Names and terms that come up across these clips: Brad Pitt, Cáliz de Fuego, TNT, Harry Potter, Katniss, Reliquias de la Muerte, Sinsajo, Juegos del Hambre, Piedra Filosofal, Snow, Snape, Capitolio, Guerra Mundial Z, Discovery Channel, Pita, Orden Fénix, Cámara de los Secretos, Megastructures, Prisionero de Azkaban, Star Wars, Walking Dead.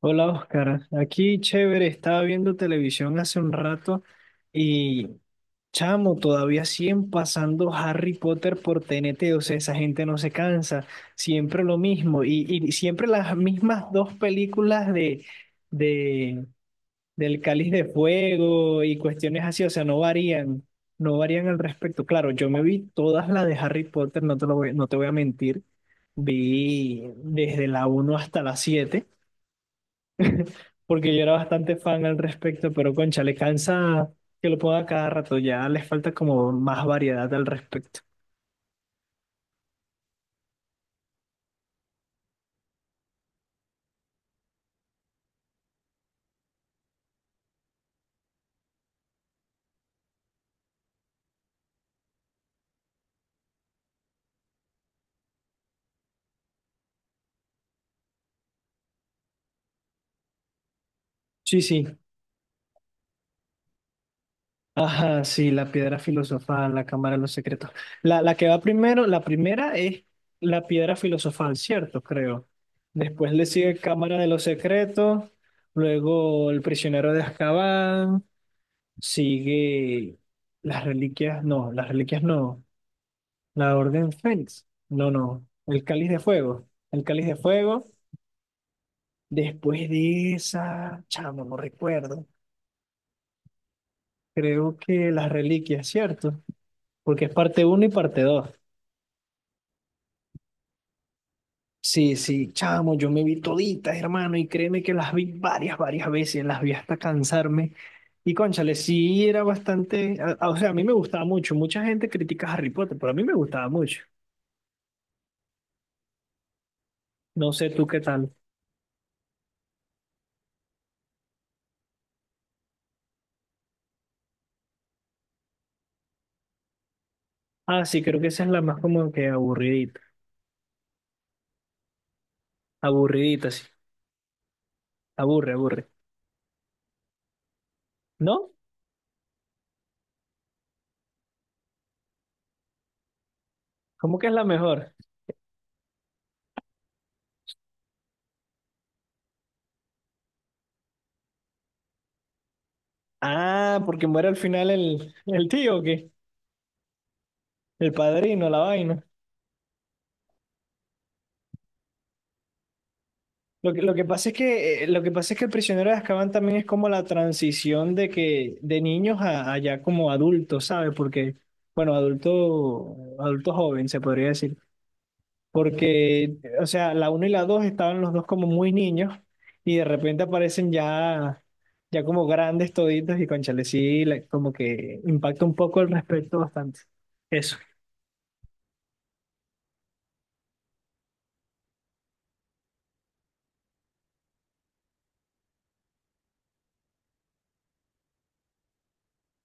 Hola Oscar, aquí chévere, estaba viendo televisión hace un rato y chamo, todavía siguen pasando Harry Potter por TNT, o sea, esa gente no se cansa, siempre lo mismo y siempre las mismas dos películas de, del Cáliz de Fuego y cuestiones así, o sea, no varían, no varían al respecto. Claro, yo me vi todas las de Harry Potter, no te voy a mentir, vi desde la uno hasta la 7 porque yo era bastante fan al respecto, pero concha, le cansa que lo ponga cada rato, ya les falta como más variedad al respecto. Sí, sí. Ajá, sí, la piedra filosofal, la cámara de los secretos. La que va primero, la primera es la piedra filosofal, ¿cierto? Creo. Después le sigue Cámara de los Secretos, luego El prisionero de Azkaban, sigue las reliquias, no, las reliquias no. La Orden Fénix. No, no. El Cáliz de Fuego. El Cáliz de Fuego. Después de esa, chamo, no recuerdo. Creo que las reliquias, ¿cierto? Porque es parte uno y parte dos. Sí, sí, chamo, yo me vi toditas, hermano, y créeme que las vi varias, varias veces, las vi hasta cansarme. Y cónchale, sí era bastante, o sea, a mí me gustaba mucho. Mucha gente critica a Harry Potter, pero a mí me gustaba mucho. No sé tú qué tal. Ah, sí, creo que esa es la más como que aburridita, aburridita, sí. Aburre, aburre. ¿No? ¿Cómo que es la mejor? Ah, porque muere al final el tío, que el padrino, la vaina. Lo que pasa es que, lo que pasa es que el prisionero de Azkaban también es como la transición de que, de niños a ya como adultos, ¿sabes? Porque, bueno, adulto joven, se podría decir. Porque, o sea, la uno y la 2 estaban los dos como muy niños y de repente aparecen ya, ya como grandes toditos y cónchale, sí, como que impacta un poco el respeto bastante. Eso.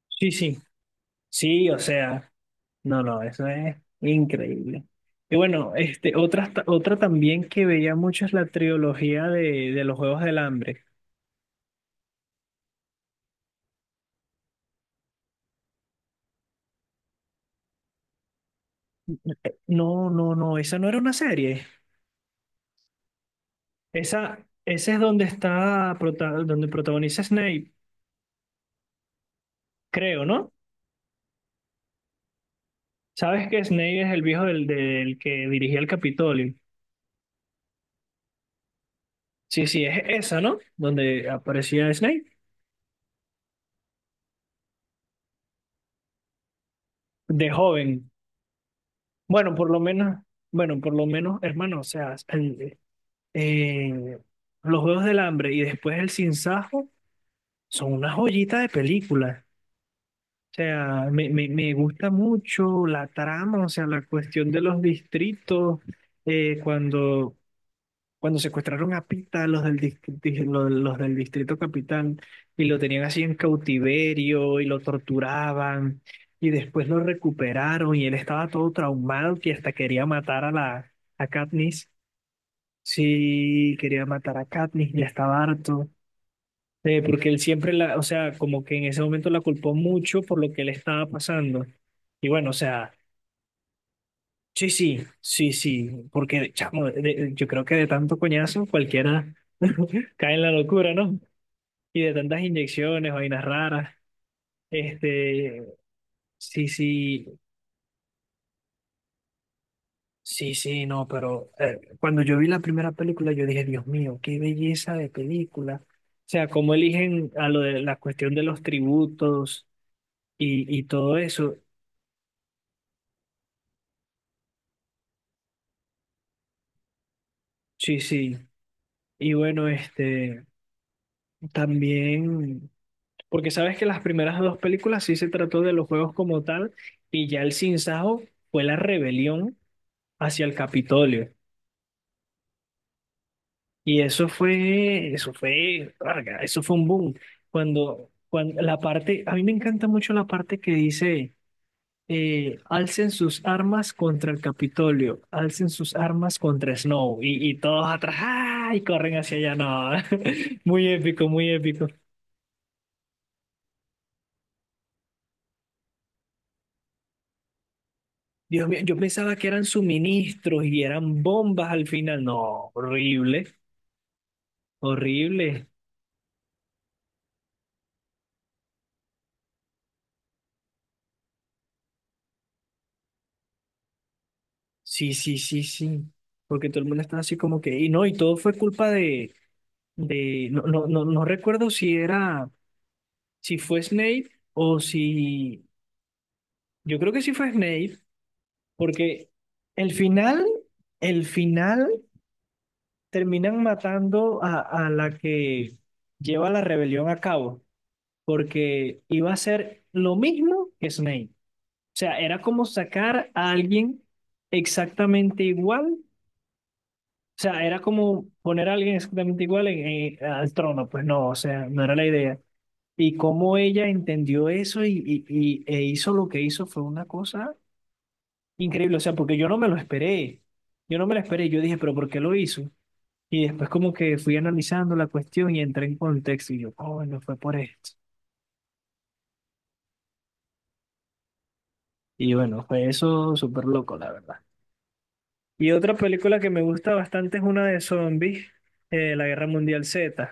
Sí, sí. Sí, o sea, no, no, eso es increíble. Y bueno, otra, otra también que veía mucho es la trilogía de los Juegos del Hambre. No, no, no, esa no era una serie. Esa es donde está, donde protagoniza Snape, creo, ¿no? ¿Sabes que Snape es el viejo del que dirigía el Capitolio? Sí, sí, es esa, ¿no? Donde aparecía Snape de joven. Bueno, por lo menos, bueno, por lo menos, hermano, o sea, eh, los Juegos del Hambre y después el Sinsajo son una joyita de película. O sea, me gusta mucho la trama, o sea, la cuestión de los distritos, eh, cuando cuando secuestraron a Pita, los del Distrito Capital, y lo tenían así en cautiverio y lo torturaban, y después lo recuperaron y él estaba todo traumado que hasta quería matar a la a Katniss. Sí, quería matar a Katniss, ya estaba harto. Porque él siempre la, o sea, como que en ese momento la culpó mucho por lo que le estaba pasando. Y bueno, o sea, sí, sí, sí, sí, porque chamo, yo creo que de tanto coñazo cualquiera cae en la locura, ¿no? Y de tantas inyecciones, vainas raras, este, sí, sí, sí, sí, no, pero cuando yo vi la primera película yo dije, Dios mío, qué belleza de película. O sea, cómo eligen a lo de la cuestión de los tributos y todo eso, sí, sí. Y bueno, también... Porque sabes que las primeras dos películas sí se trató de los juegos como tal, y ya el sinsajo fue la rebelión hacia el Capitolio. Eso fue, verga, eso fue un boom. Cuando la parte, a mí me encanta mucho la parte que dice, alcen sus armas contra el Capitolio, alcen sus armas contra Snow, y todos atrás, ¡ah! Y corren hacia allá, no, muy épico, muy épico. Dios mío, yo pensaba que eran suministros y eran bombas al final. No, horrible, horrible. Sí, sí, sí, sí. Porque todo el mundo estaba así como que, y no, y todo fue culpa no, no recuerdo si era, si fue Snape o si, yo creo que sí fue Snape, porque el final, el final terminan matando a la que lleva la rebelión a cabo, porque iba a ser lo mismo que Snape. O sea, era como sacar a alguien exactamente igual. O sea, era como poner a alguien exactamente igual al trono. Pues no, o sea, no era la idea. Y cómo ella entendió eso e hizo lo que hizo fue una cosa increíble. O sea, porque yo no me lo esperé. Yo no me lo esperé. Yo dije, pero ¿por qué lo hizo? Y después como que fui analizando la cuestión y entré en contexto y yo, oh, no fue por esto. Y bueno, fue eso súper loco, la verdad. Y otra película que me gusta bastante es una de zombies, La Guerra Mundial Z.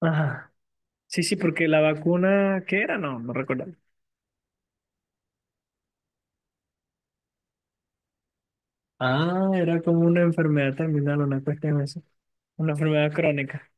Ajá. Sí, sí, porque la vacuna, ¿qué era? No, no recuerdo. Ah, era como una enfermedad terminal, una cuestión así. Una enfermedad crónica.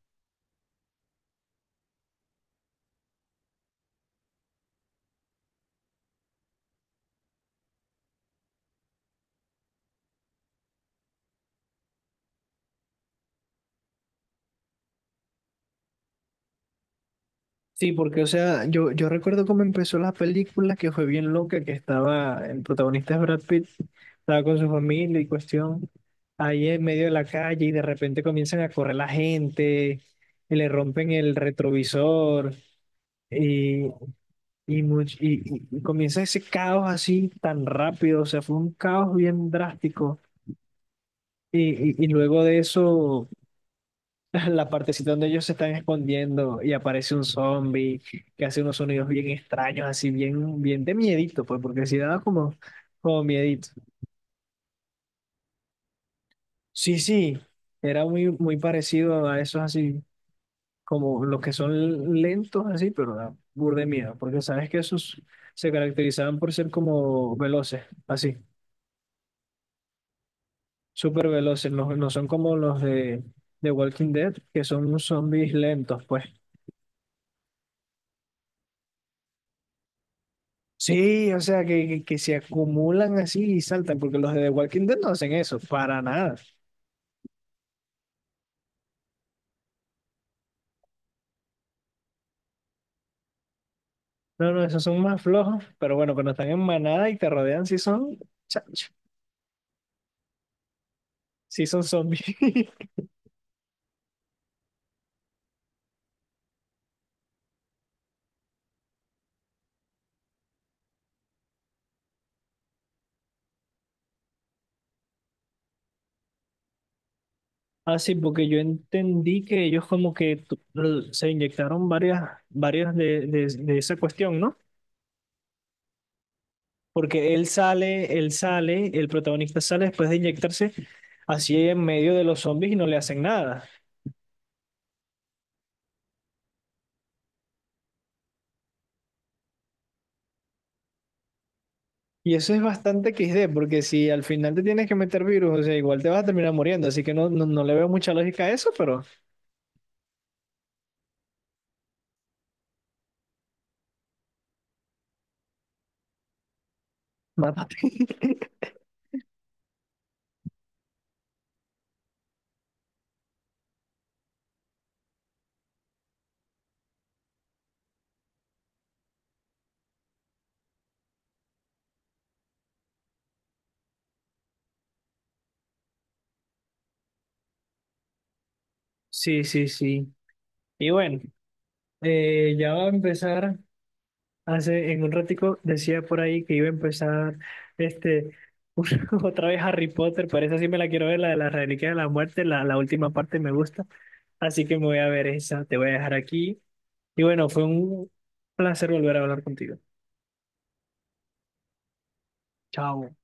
Sí, porque, o sea, yo recuerdo cómo empezó la película, que fue bien loca, que estaba, el protagonista es Brad Pitt, estaba con su familia y cuestión, ahí en medio de la calle y de repente comienzan a correr la gente, y le rompen el retrovisor y, y comienza ese caos así tan rápido, o sea, fue un caos bien drástico. Y luego de eso, la partecita donde ellos se están escondiendo y aparece un zombie que hace unos sonidos bien extraños, así bien, bien de miedito, pues, porque sí daba como, como miedito. Sí, sí, era muy, muy parecido a esos así, como los que son lentos así, pero da burda de miedo, porque sabes que esos se caracterizaban por ser como veloces, así. Súper veloces, no, no son como los de Walking Dead, que son zombies lentos, pues. Sí, o sea, que se acumulan así y saltan, porque los de The Walking Dead no hacen eso, para nada. No, no, esos son más flojos, pero bueno, cuando están en manada y te rodean, sí son, chacho, sí son zombies. Ah, sí, porque yo entendí que ellos como que se inyectaron varias, varias de esa cuestión, ¿no? Porque él sale, el protagonista sale después de inyectarse así en medio de los zombies y no le hacen nada. Y eso es bastante XD, porque si al final te tienes que meter virus, o sea, igual te vas a terminar muriendo. Así que no, no, no le veo mucha lógica a eso, pero mátate. Sí, sí, sí. Y bueno, ya va a empezar. Hace en un ratico decía por ahí que iba a empezar este otra vez Harry Potter, pero esa sí me la quiero ver, la de la Reliquia de la Muerte, la última parte me gusta, así que me voy a ver esa, te voy a dejar aquí. Y bueno, fue un placer volver a hablar contigo. Chao.